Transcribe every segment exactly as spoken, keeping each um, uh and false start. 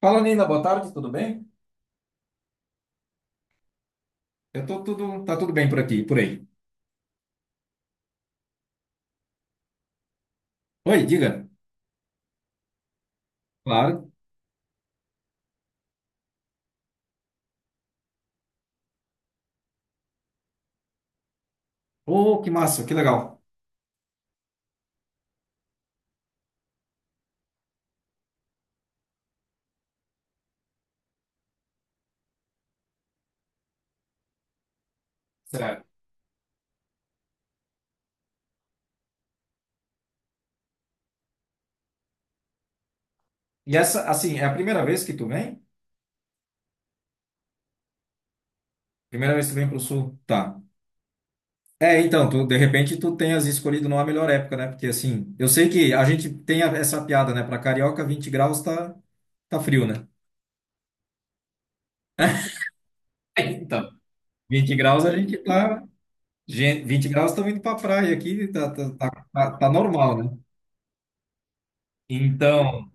Fala, Nina, boa tarde, tudo bem? Eu tô tudo, tá tudo bem por aqui, por aí. Oi, diga. Claro. Oh, que massa, que legal. Certo. E essa, assim, é a primeira vez que tu vem? Primeira vez que tu vem pro sul? Tá. É, então, tu, de repente tu tenhas escolhido não a melhor época, né? Porque assim, eu sei que a gente tem a- essa piada, né? Pra carioca, vinte graus tá, tá frio, né? É, então, vinte graus a gente tá. gen- 20 graus estamos indo pra praia aqui, tá, tá, tá, tá- tá normal, né? Então,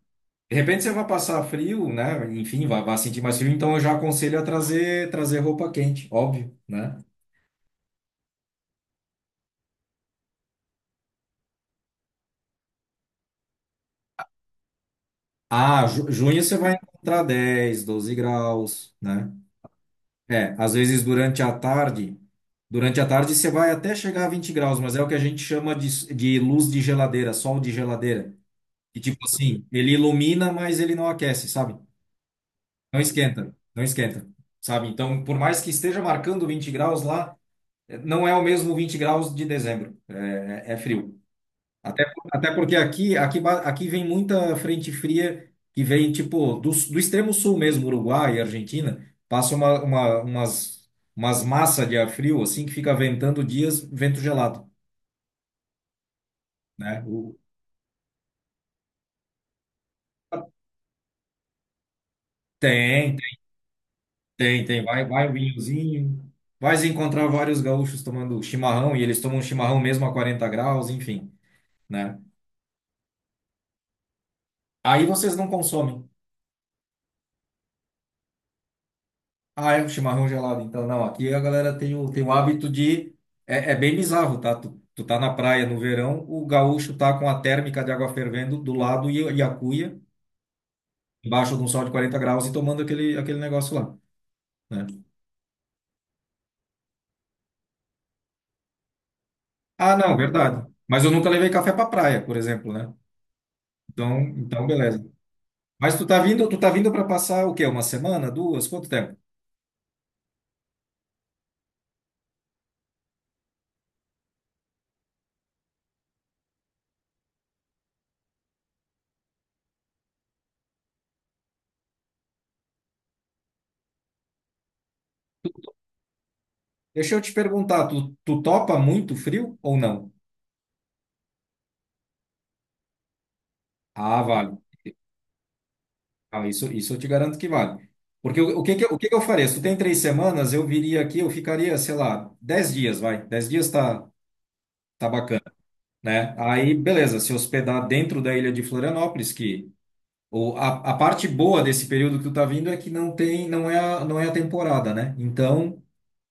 de repente você vai passar frio, né? Enfim, vai, vai sentir mais frio, então eu já aconselho a trazer, trazer roupa quente, óbvio, né? Ah, ju- junho você vai encontrar dez, doze graus, né? É, às vezes durante a tarde, durante a tarde você vai até chegar a vinte graus, mas é o que a gente chama de, de luz de geladeira, sol de geladeira. E tipo assim, ele ilumina, mas ele não aquece, sabe? Não esquenta, não esquenta, sabe? Então, por mais que esteja marcando vinte graus lá, não é o mesmo vinte graus de dezembro, é, é frio. Até, até porque aqui, aqui, ba- aqui vem muita frente fria que vem, tipo, do, do extremo sul mesmo, Uruguai e Argentina, passa uma, uma- umas, umas massas de ar frio, assim, que fica ventando dias, vento gelado, né? O- tem, tem, tem, tem. Vai, vai um vinhozinho, vai se encontrar vários gaúchos tomando chimarrão, e eles tomam chimarrão mesmo a quarenta graus, enfim, né? Aí vocês não consomem. Ah, é um chimarrão gelado. Então, não, aqui a galera tem o, tem o hábito de. É, é bem bizarro, tá? Tu, tu tá na praia no verão, o gaúcho tá com a térmica de água fervendo do lado e, e a cuia, embaixo de um sol de quarenta graus e tomando aquele, aquele negócio lá, né? Ah, não, verdade. Mas eu nunca levei café pra praia, por exemplo, né? Então, então beleza. Mas tu tá vindo, tu tá vindo para passar o quê? Uma semana, duas? Quanto tempo? Deixa eu te perguntar, tu, tu topa muito frio ou não? Ah, vale. Ah, isso, isso eu te garanto que vale. Porque o, o que que, eu- o que que eu faria? Se tu tem três semanas, eu viria aqui, eu ficaria, sei lá, dez dias, vai. Dez dias tá, tá bacana, né? Aí, beleza, se hospedar dentro da ilha de Florianópolis, que o, a, a parte boa desse período que tu tá vindo é que não tem, não é, a- não é a temporada, né? Então,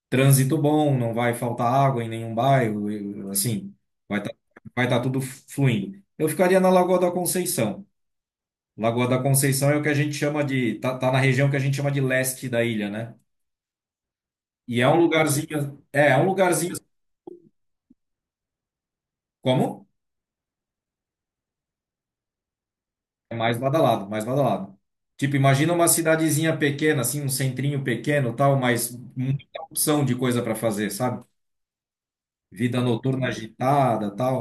trânsito bom, não vai faltar água em nenhum bairro, e- assim, vai tá, vai tá tudo fluindo. Eu ficaria na Lagoa da Conceição. Lagoa da Conceição é o que a gente chama de. Tá, tá na região que a gente chama de leste da ilha, né? E é um Ah, lugarzinho. É, é um lugarzinho. Como? É mais badalado, mais badalado. Tipo, imagina uma cidadezinha pequena, assim, um centrinho pequeno, tal, mas muita opção de coisa para fazer, sabe? Vida noturna agitada, tal.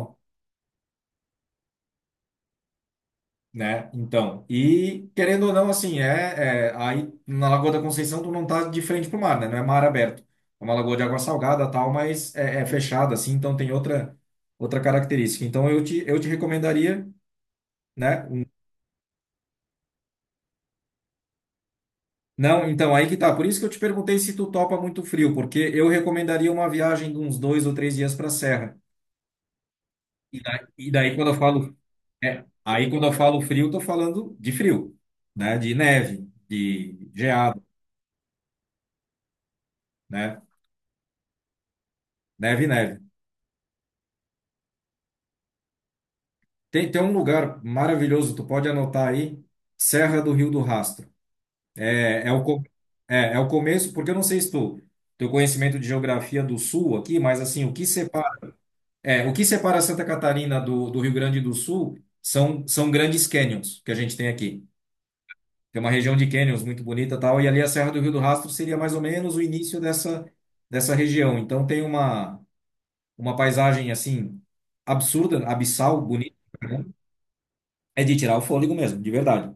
Né? Então, e querendo ou não, assim, é, é- aí na Lagoa da Conceição tu não tá de frente pro mar, né? Não é mar aberto. É uma lagoa de água salgada, tal, mas é, é fechada, assim, então tem outra outra característica. Então eu te eu te recomendaria, né? um- Não, então aí que tá. Por isso que eu te perguntei se tu topa muito frio, porque eu recomendaria uma viagem de uns dois ou três dias para a serra. E daí, e daí quando eu falo, é, aí quando eu falo frio, tô falando de frio, né? De neve, de geado, né? Neve, neve. Tem, tem um lugar maravilhoso, tu pode anotar aí, Serra do Rio do Rastro. É, é o, co- é, é o começo, porque eu não sei se tu, teu conhecimento de geografia do Sul aqui, mas assim, o que separa, é, o que separa Santa Catarina do, do Rio Grande do Sul são, são grandes canyons que a gente tem aqui. Tem uma região de canyons muito bonita e tal, e ali a Serra do Rio do Rastro seria mais ou menos o início dessa, dessa região. Então tem uma, uma paisagem assim, absurda, abissal, bonita. Né? É de tirar o fôlego mesmo, de verdade.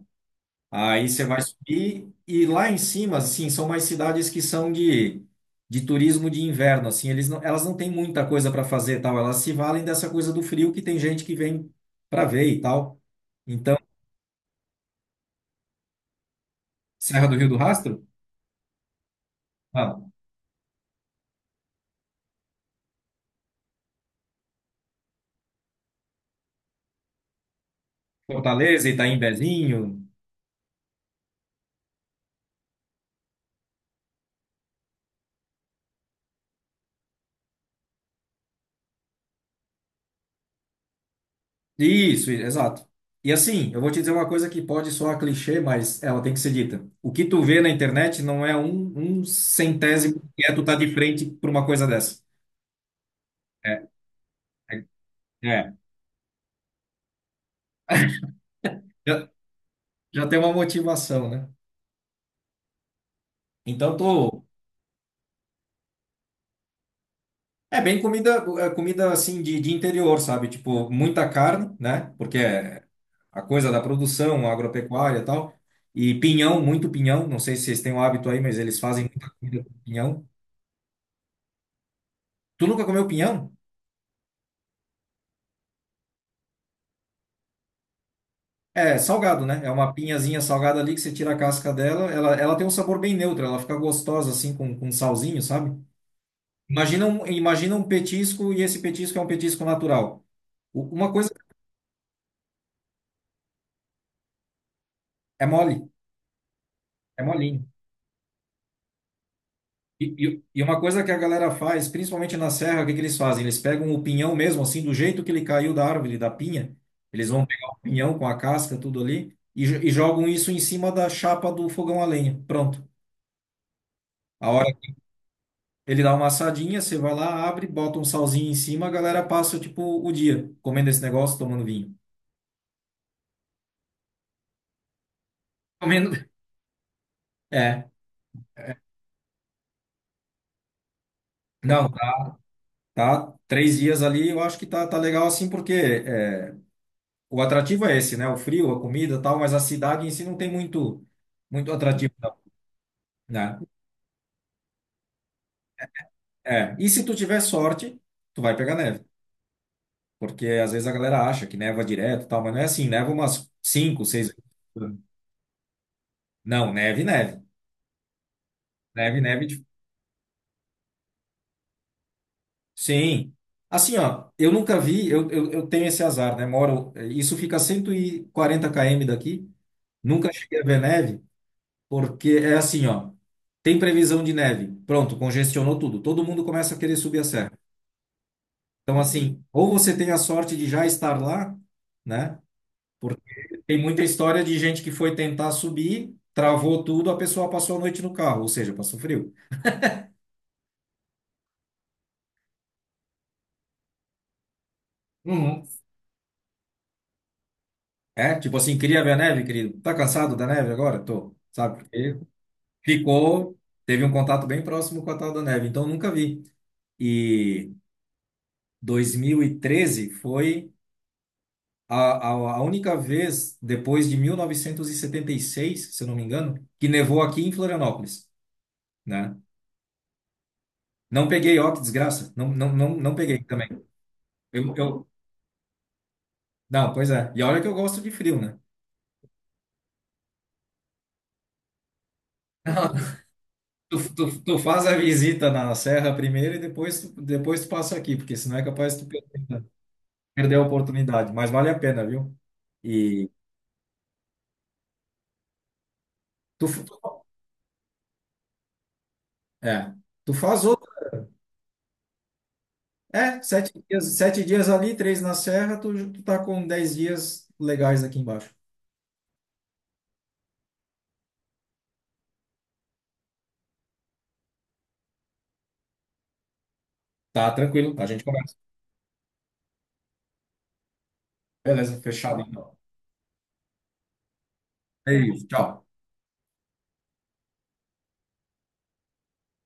Aí você vai subir e lá em cima, assim, são mais cidades que são de, de turismo de inverno, assim, eles não, elas não têm muita coisa para fazer, e tal, elas se valem dessa coisa do frio que tem gente que vem para ver e tal. Então, Serra do Rio do Rastro, ah, Fortaleza, Itaim Bezinho, isso, exato. E assim, eu vou te dizer uma coisa que pode soar clichê, mas ela tem que ser dita. O que tu vê na internet não é um, um centésimo que é tu tá de frente para uma coisa dessa. É, é. É. Já tem uma motivação, né? Então, tô. É bem comida, é comida assim de, de interior, sabe? Tipo, muita carne, né? Porque é a coisa da produção, agropecuária e tal. E pinhão, muito pinhão. Não sei se vocês têm o hábito aí, mas eles fazem muita comida com pinhão. Tu nunca comeu pinhão? É salgado, né? É uma pinhazinha salgada ali que você tira a casca dela. Ela, ela tem um sabor bem neutro, ela fica gostosa assim com, com salzinho, sabe? Imagina um, imagina um petisco e esse petisco é um petisco natural. U- Uma coisa é mole, é molinho. E, e- e uma coisa que a galera faz, principalmente na serra, o que que eles fazem? Eles pegam o pinhão mesmo, assim, do jeito que ele caiu da árvore, da pinha. Eles vão pegar o pinhão com a casca, tudo ali, e, jo- e jogam isso em cima da chapa do fogão a lenha. Pronto. A hora que ele dá uma assadinha, você vai lá, abre, bota um salzinho em cima, a galera passa, tipo, o dia comendo esse negócio, tomando vinho. Comendo. É. Não, tá, tá três dias ali, eu acho que tá, tá legal assim, porque é, o atrativo é esse, né? O frio, a comida, e tal, mas a cidade em si não tem muito muito atrativo, não, né? É. E se tu tiver sorte, tu vai pegar neve, porque às vezes a galera acha que neva direto, e tal, mas não é assim, neva umas cinco, seis vezes. Não, neve, neve. Neve, neve. de- Sim. Assim, ó, eu nunca vi, eu, eu, eu tenho esse azar, né? Moro, isso fica a cento e quarenta quilômetros daqui, nunca cheguei a ver neve, porque é assim, ó, tem previsão de neve. Pronto, congestionou tudo. Todo mundo começa a querer subir a serra. Então, assim, ou você tem a sorte de já estar lá, né? Tem muita história de gente que foi tentar subir, travou tudo, a pessoa passou a noite no carro, ou seja, passou frio. Uhum. É, tipo assim, queria ver a neve, querido. Tá cansado da neve agora? Tô, sabe? Porque ficou, teve um contato bem próximo com a tal da neve, então nunca vi. E dois mil e treze foi a, a, a única vez depois de mil novecentos e e setenta e seis, se eu não me engano, que nevou aqui em Florianópolis, né? Não peguei, ó, que desgraça. Não, não, não, não peguei também. Eu, eu, não, pois é. E olha que eu gosto de frio, né? Tu, tu, tu faz a visita na serra primeiro e depois tu, depois tu passa aqui, porque senão é capaz de tu per- perder a oportunidade. Mas vale a pena, viu? E tu, f- tu- é, tu faz outro. É, sete dias, sete dias ali, três na serra, tu, tu tá com dez dias legais aqui embaixo. Tá tranquilo, a gente começa. Beleza, fechado então. É isso, tchau.